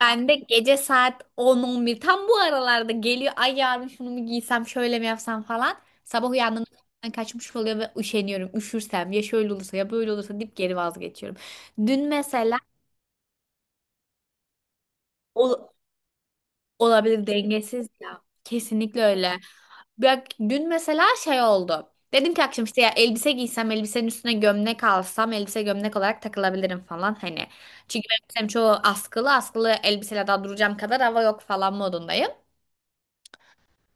Ben de gece saat 10-11 tam bu aralarda geliyor. Ay, yarın şunu mu giysem şöyle mi yapsam falan. Sabah uyandığımda zaten kaçmış oluyor ve üşeniyorum. Üşürsem ya şöyle olursa ya böyle olursa deyip geri vazgeçiyorum. Dün mesela ol- olabilir, dengesiz ya. Kesinlikle öyle. Bak, dün mesela şey oldu. Dedim ki akşam işte ya elbise giysem, elbisenin üstüne gömlek alsam, elbise gömlek olarak takılabilirim falan hani. Çünkü benim elbisem çoğu askılı, askılı elbiseyle daha duracağım kadar hava yok falan modundayım.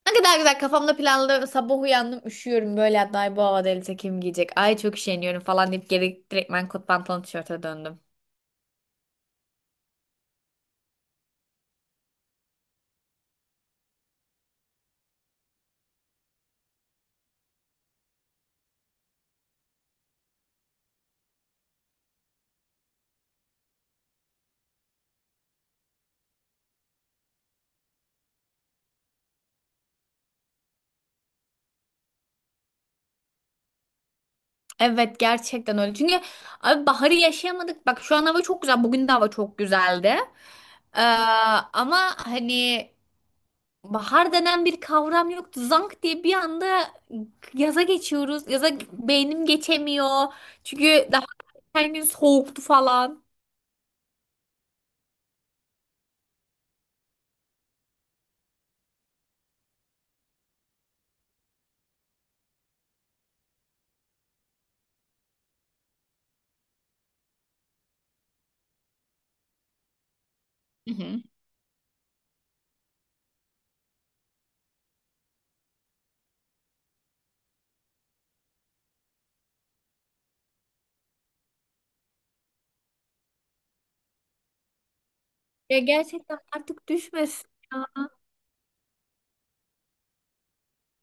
Ne kadar güzel kafamda planlı, sabah uyandım üşüyorum böyle, hatta "Ay, bu havada elbise kim giyecek, ay çok üşeniyorum" falan deyip geri direktmen kot pantolon tişörte döndüm. Evet, gerçekten öyle. Çünkü abi baharı yaşayamadık, bak şu an hava çok güzel, bugün de hava çok güzeldi. Ee, Ama hani bahar denen bir kavram yoktu, zank diye bir anda yaza geçiyoruz, yaza beynim geçemiyor çünkü daha her gün soğuktu falan. Hı hı. Ya, gerçekten artık düşmesin.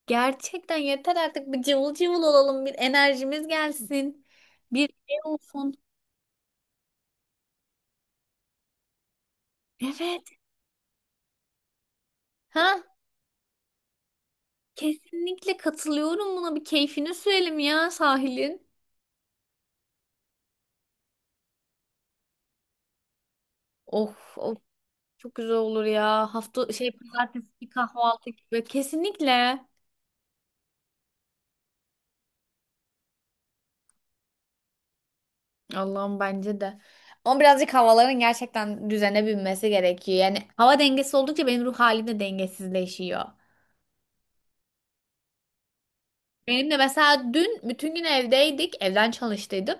Gerçekten yeter artık, bir cıvıl cıvıl olalım, bir enerjimiz gelsin. Bir şey olsun. Evet. Ha, kesinlikle katılıyorum buna, bir keyfini sürelim ya sahilin. Of of, çok güzel olur ya. Hafta şey, pazartesi bir kahvaltı gibi. Kesinlikle. Allah'ım, bence de. Ama birazcık havaların gerçekten düzene binmesi gerekiyor. Yani hava dengesi oldukça, benim ruh halim de dengesizleşiyor. Benim de mesela dün bütün gün evdeydik. Evden çalıştıydım.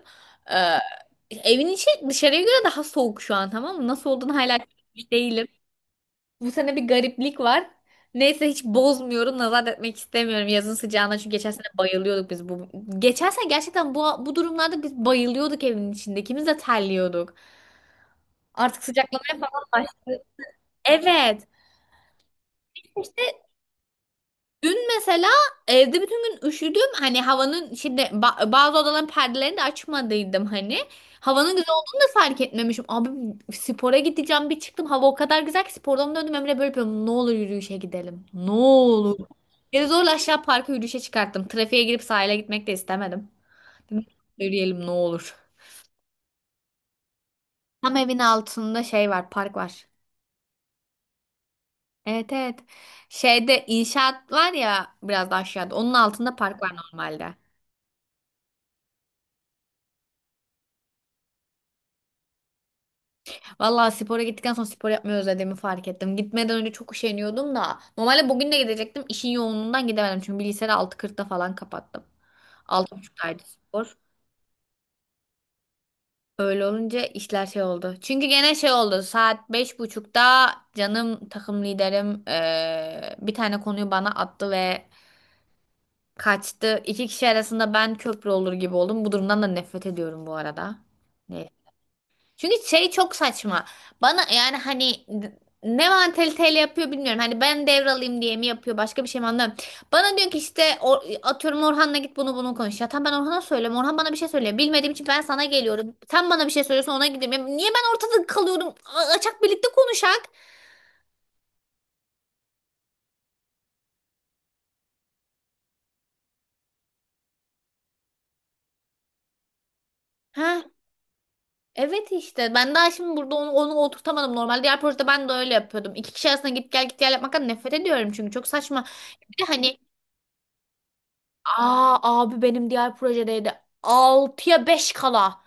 Ee, Evin içi dışarıya göre daha soğuk şu an, tamam mı? Nasıl olduğunu hala çözmüş değilim. Bu sene bir gariplik var. Neyse, hiç bozmuyorum. Nazar etmek istemiyorum yazın sıcağına. Çünkü geçen sene bayılıyorduk biz bu. Geçen sene gerçekten bu durumlarda biz bayılıyorduk evin içinde. İkimiz de terliyorduk. Artık sıcaklamaya falan baş. Evet. Dün mesela evde bütün gün üşüdüm. Hani havanın şimdi bazı odaların perdelerini de açmadıydım hani. Havanın güzel olduğunu da fark etmemişim. Abi, spora gideceğim bir çıktım. Hava o kadar güzel ki, spordan döndüm, Emre böyle yapıyorum. Ne olur yürüyüşe gidelim. Ne olur. Geri zorla aşağı parka yürüyüşe çıkarttım. Trafiğe girip sahile gitmek de istemedim. Dedim, yürüyelim ne olur. Tam evin altında şey var, park var. Evet, evet. Şeyde inşaat var ya, biraz da aşağıda. Onun altında park var normalde. Vallahi, spora gittikten sonra spor yapmayı özlediğimi fark ettim. Gitmeden önce çok üşeniyordum da. Normalde bugün de gidecektim. İşin yoğunluğundan gidemedim. Çünkü bilgisayarı 6.40'ta falan kapattım. 6.30'daydı spor. Öyle olunca işler şey oldu. Çünkü gene şey oldu. Saat beş buçukta canım takım liderim bir tane konuyu bana attı ve kaçtı. İki kişi arasında ben köprü olur gibi oldum. Bu durumdan da nefret ediyorum bu arada. Çünkü şey, çok saçma. Bana yani hani ne mantaliteyle yapıyor bilmiyorum. Hani ben devralayım diye mi yapıyor, başka bir şey mi, anlamıyorum. Bana diyor ki işte atıyorum Orhan'la git bunu bunu konuş. Ya tamam, ben Orhan'a söylüyorum. Orhan bana bir şey söylüyor. Bilmediğim için ben sana geliyorum. Sen bana bir şey söylüyorsun, ona gidiyorum. Ya niye ben ortada kalıyorum? A- Açak birlikte konuşak. Ha evet, işte ben daha şimdi burada onu oturtamadım. Normal diğer projede ben de öyle yapıyordum. İki kişi arasında git gel git gel yapmaktan nefret ediyorum, çünkü çok saçma. Bir de hani, aa abi benim diğer projedeydi. 6'ya 5 kala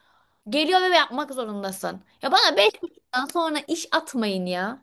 geliyor ve yapmak zorundasın. Ya bana 5 buçuktan sonra iş atmayın ya.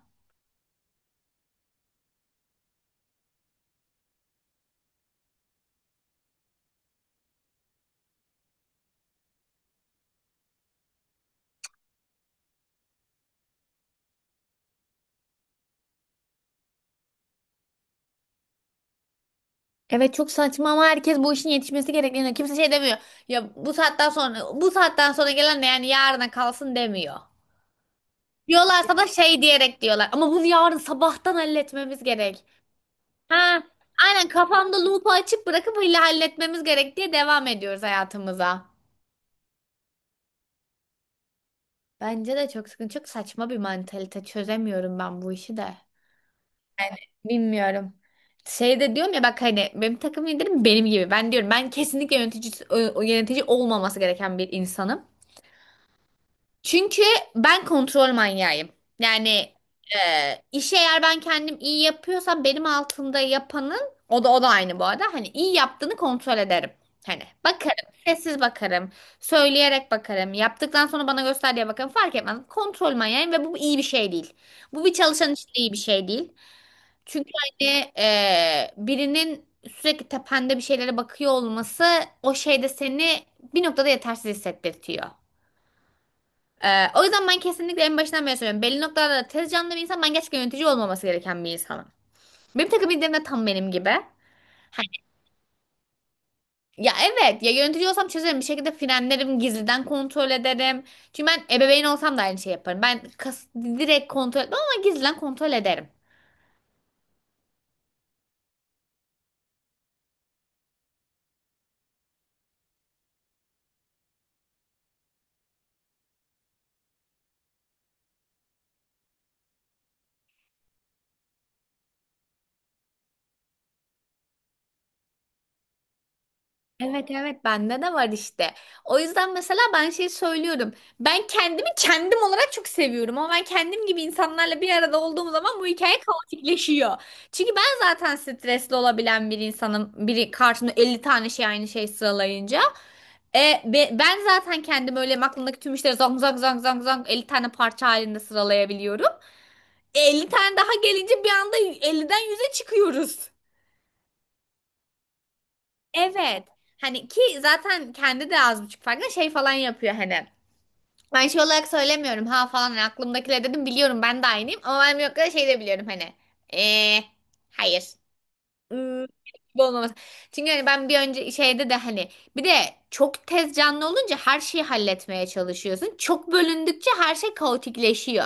Evet, çok saçma. Ama herkes bu işin yetişmesi gerektiğini, kimse şey demiyor. Ya bu saatten sonra, bu saatten sonra gelen de yani yarına kalsın demiyor. Diyorlarsa da şey diyerek diyorlar. Ama bunu yarın sabahtan halletmemiz gerek. Ha, aynen, kafamda loop'u açıp bırakıp öyle halletmemiz gerek diye devam ediyoruz hayatımıza. Bence de çok sıkıntı. Çok saçma bir mantalite. Çözemiyorum ben bu işi de. Yani bilmiyorum. Şey de diyorum ya, bak hani benim takım liderim benim gibi. Ben diyorum, ben kesinlikle yönetici, yönetici olmaması gereken bir insanım. Çünkü ben kontrol manyağıyım. Yani işi eğer ben kendim iyi yapıyorsam benim altında yapanın, o da aynı bu arada. Hani iyi yaptığını kontrol ederim. Hani bakarım, sessiz bakarım, söyleyerek bakarım, yaptıktan sonra bana göster diye bakarım, fark etmez. Kontrol manyağıyım ve bu iyi bir şey değil. Bu bir çalışan için iyi bir şey değil. Çünkü hani birinin sürekli tepende bir şeylere bakıyor olması, o şeyde seni bir noktada yetersiz hissettirtiyor. O yüzden ben kesinlikle en başından beri söylüyorum. Belli noktalarda tez canlı bir insan, ben gerçekten yönetici olmaması gereken bir insanım. Benim takım liderim de tam benim gibi. Hani, ya evet, ya yönetici olsam çözerim bir şekilde, frenlerim, gizliden kontrol ederim. Çünkü ben ebeveyn olsam da aynı şey yaparım. Ben kas, direkt kontrol etmem ama gizliden kontrol ederim. Evet, evet, bende de var işte. O yüzden mesela ben şey söylüyorum. Ben kendimi kendim olarak çok seviyorum, ama ben kendim gibi insanlarla bir arada olduğum zaman bu hikaye kaotikleşiyor. Çünkü ben zaten stresli olabilen bir insanım. Biri karşımda 50 tane şey, aynı şey sıralayınca. Ben zaten kendim öyle aklımdaki tüm işleri zang zang zang zang zang 50 tane parça halinde sıralayabiliyorum. 50 tane daha gelince bir anda 50'den 100'e çıkıyoruz. Evet. Hani ki zaten kendi de az buçuk farkında, şey falan yapıyor hani. Ben şey olarak söylemiyorum ha falan, hani aklımdakiler dedim, biliyorum ben de aynıyım, ama ben yok kadar şey de biliyorum hani. Eee hayır. Hmm, gibi olmaması. Çünkü hani ben bir önce şeyde de hani, bir de çok tez canlı olunca her şeyi halletmeye çalışıyorsun. Çok bölündükçe her şey kaotikleşiyor.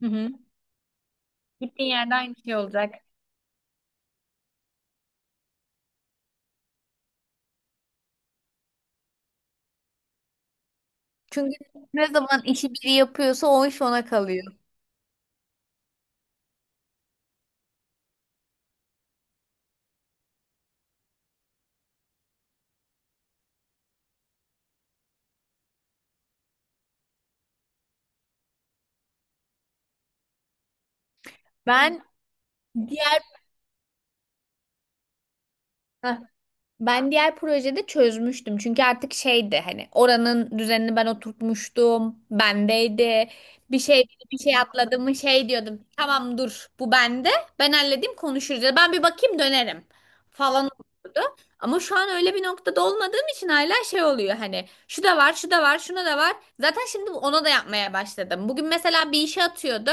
Hı hı. Gittiğin yerde aynı şey olacak. Çünkü ne zaman işi biri yapıyorsa o iş ona kalıyor. Ben diğer Heh. Ben diğer projede çözmüştüm. Çünkü artık şeydi, hani oranın düzenini ben oturtmuştum. Bendeydi. Bir şey bir şey atladım mı, şey diyordum. Tamam, dur, bu bende. Ben halledeyim, konuşuruz. Ya da ben bir bakayım, dönerim falan olurdu. Ama şu an öyle bir noktada olmadığım için hala şey oluyor, hani şu da var, şu da var, şuna da var. Zaten şimdi ona da yapmaya başladım. Bugün mesela bir işe atıyordu.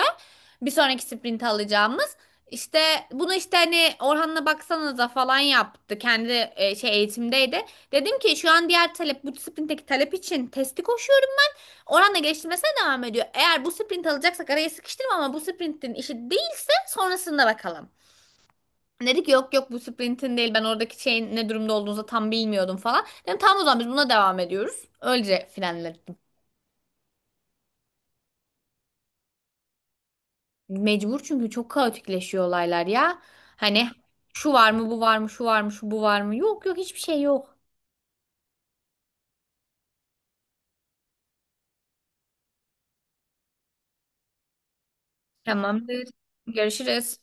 Bir sonraki sprint alacağımız. İşte bunu işte hani Orhan'la baksanıza falan yaptı. Kendi şey, eğitimdeydi. Dedim ki şu an diğer talep, bu sprintteki talep için testi koşuyorum. Orhan'la geliştirmesine devam ediyor. Eğer bu sprint alacaksak araya sıkıştırma, ama bu sprintin işi değilse sonrasında bakalım. Dedi ki yok yok bu sprintin değil, ben oradaki şeyin ne durumda olduğunuzu tam bilmiyordum falan. Dedim tamam, o zaman biz buna devam ediyoruz. Öylece finalledim. Mecbur, çünkü çok kaotikleşiyor olaylar ya. Hani şu var mı, bu var mı, şu var mı, şu bu var mı, yok yok, hiçbir şey yok. Tamamdır. Görüşürüz.